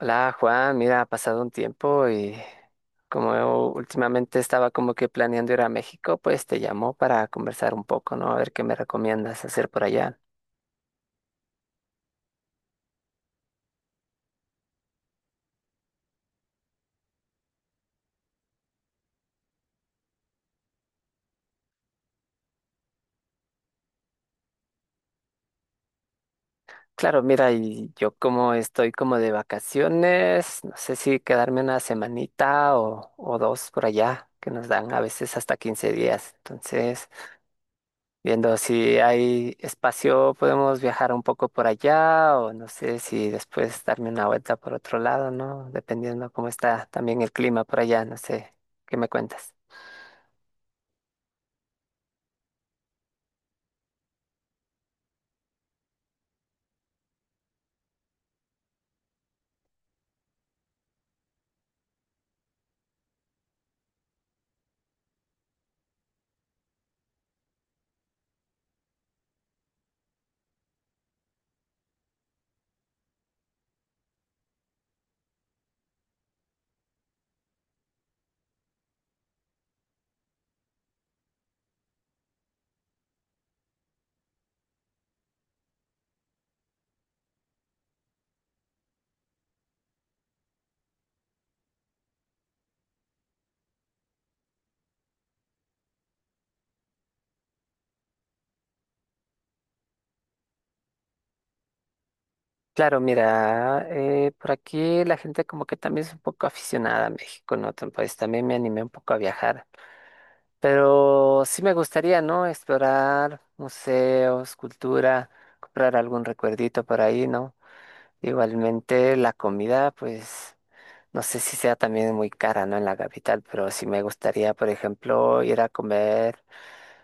Hola Juan, mira, ha pasado un tiempo y como últimamente estaba como que planeando ir a México, pues te llamo para conversar un poco, ¿no? A ver qué me recomiendas hacer por allá. Claro, mira, y yo como estoy como de vacaciones, no sé si quedarme una semanita o dos por allá, que nos dan a veces hasta 15 días. Entonces, viendo si hay espacio, podemos viajar un poco por allá o no sé si después darme una vuelta por otro lado, ¿no? Dependiendo cómo está también el clima por allá, no sé, ¿qué me cuentas? Claro, mira, por aquí la gente como que también es un poco aficionada a México, ¿no? Pues también me animé un poco a viajar, pero sí me gustaría, ¿no? Explorar museos, cultura, comprar algún recuerdito por ahí, ¿no? Igualmente la comida, pues no sé si sea también muy cara, ¿no? En la capital, pero sí me gustaría, por ejemplo, ir a comer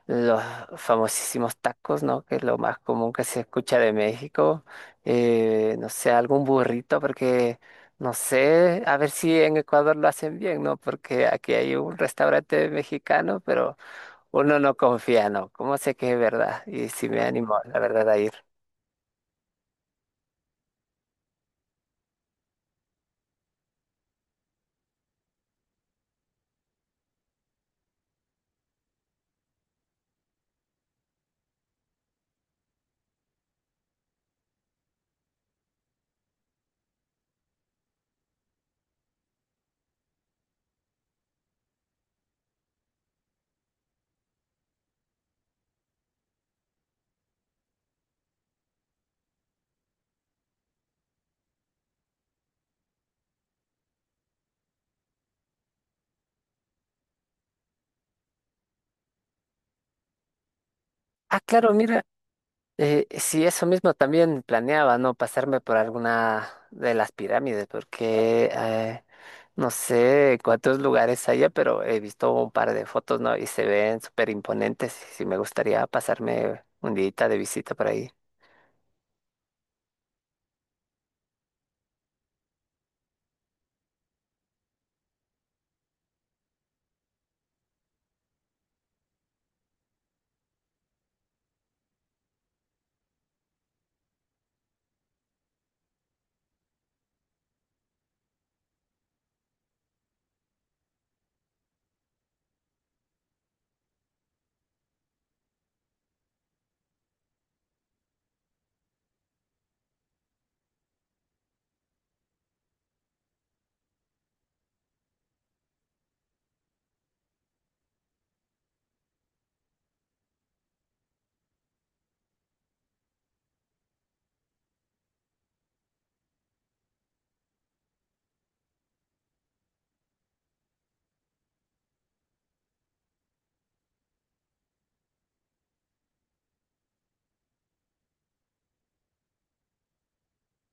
los famosísimos tacos, ¿no? Que es lo más común que se escucha de México. No sé, algún burrito, porque no sé, a ver si en Ecuador lo hacen bien, ¿no? Porque aquí hay un restaurante mexicano, pero uno no confía, ¿no? ¿Cómo sé que es verdad? Y si me animo, la verdad, a ir. Ah, claro, mira. Sí, eso mismo también planeaba, ¿no? Pasarme por alguna de las pirámides, porque no sé cuántos lugares haya, pero he visto un par de fotos, ¿no? Y se ven súper imponentes. Y sí, me gustaría pasarme un día de visita por ahí.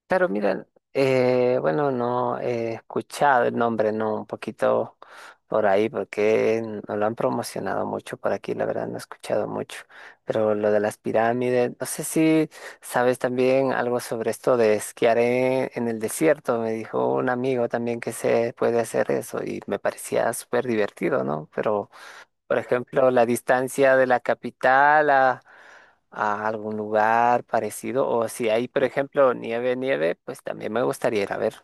Claro, mira, bueno, no he escuchado el nombre, no, un poquito por ahí, porque no lo han promocionado mucho por aquí, la verdad no he escuchado mucho. Pero lo de las pirámides, no sé si sabes también algo sobre esto de esquiar en el desierto. Me dijo un amigo también que se puede hacer eso y me parecía súper divertido, ¿no? Pero por ejemplo, la distancia de la capital a algún lugar parecido. O si hay, por ejemplo, nieve, nieve, pues también me gustaría ir a ver.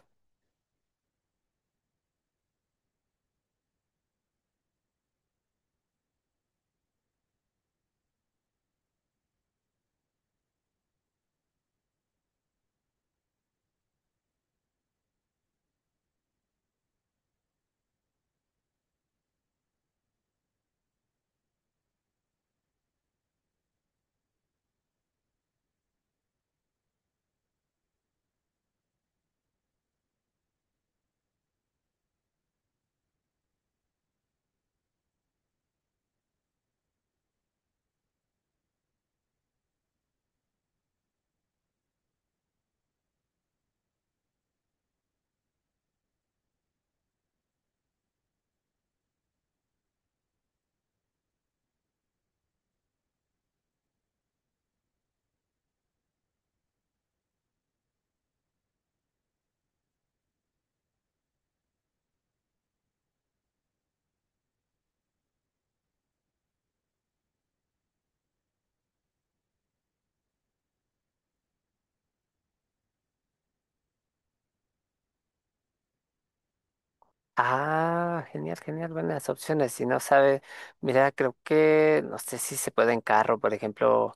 Ah, genial, genial, buenas opciones. Si no sabe, mira, creo que, no sé si se puede en carro, por ejemplo,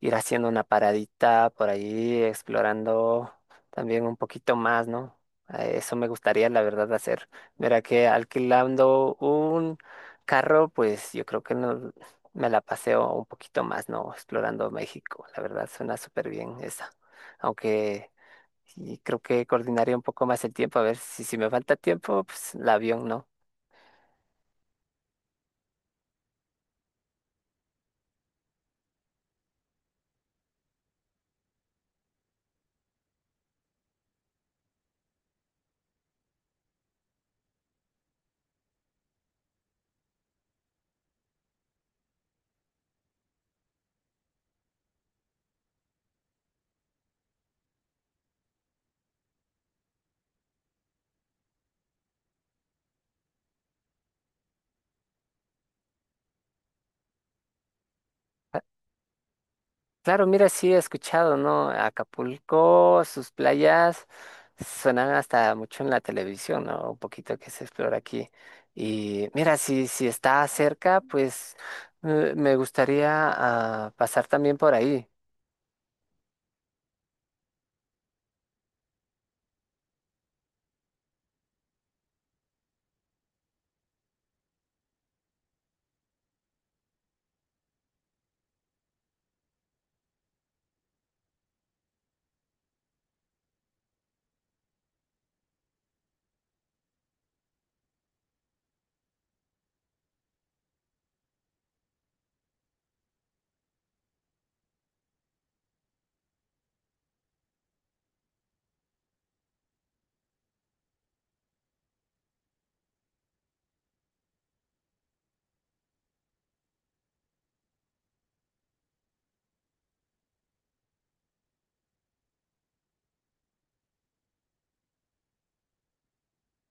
ir haciendo una paradita por ahí, explorando también un poquito más, ¿no? Eso me gustaría, la verdad, hacer. Mira que alquilando un carro, pues yo creo que no, me la paseo un poquito más, ¿no? Explorando México, la verdad, suena súper bien esa. Aunque y creo que coordinaría un poco más el tiempo, a ver si me falta tiempo, pues el avión no. Claro, mira, sí he escuchado, ¿no? Acapulco, sus playas suenan hasta mucho en la televisión, ¿no? Un poquito que se explora aquí. Y mira, si está cerca, pues me gustaría ah, pasar también por ahí.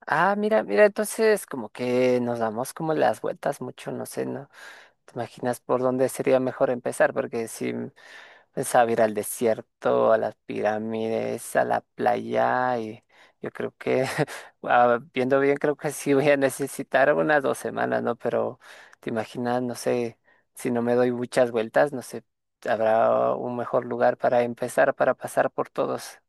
Ah, mira, mira, entonces como que nos damos como las vueltas mucho, no sé, ¿no? ¿Te imaginas por dónde sería mejor empezar? Porque si sabe ir al desierto, a las pirámides, a la playa y yo creo que, ah, viendo bien, creo que sí voy a necesitar unas 2 semanas, ¿no? Pero te imaginas, no sé, si no me doy muchas vueltas, no sé, habrá un mejor lugar para empezar, para pasar por todos.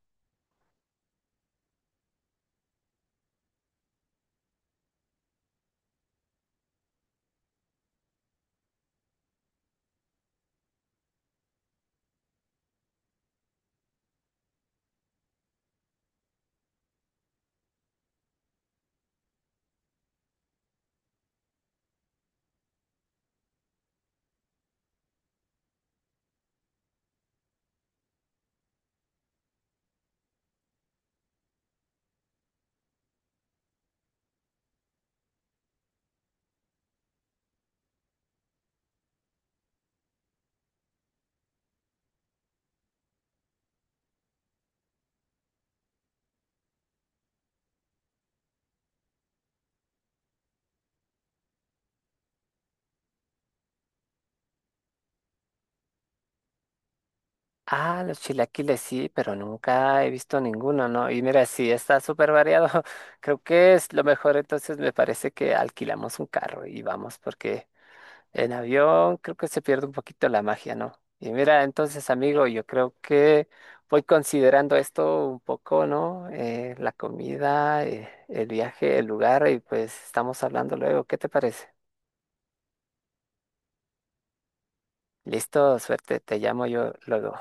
Ah, los chilaquiles sí, pero nunca he visto ninguno, ¿no? Y mira, sí, está súper variado. Creo que es lo mejor, entonces me parece que alquilamos un carro y vamos porque en avión creo que se pierde un poquito la magia, ¿no? Y mira, entonces, amigo, yo creo que voy considerando esto un poco, ¿no? La comida, el viaje, el lugar, y pues estamos hablando luego. ¿Qué te parece? Listo, suerte, te llamo yo luego.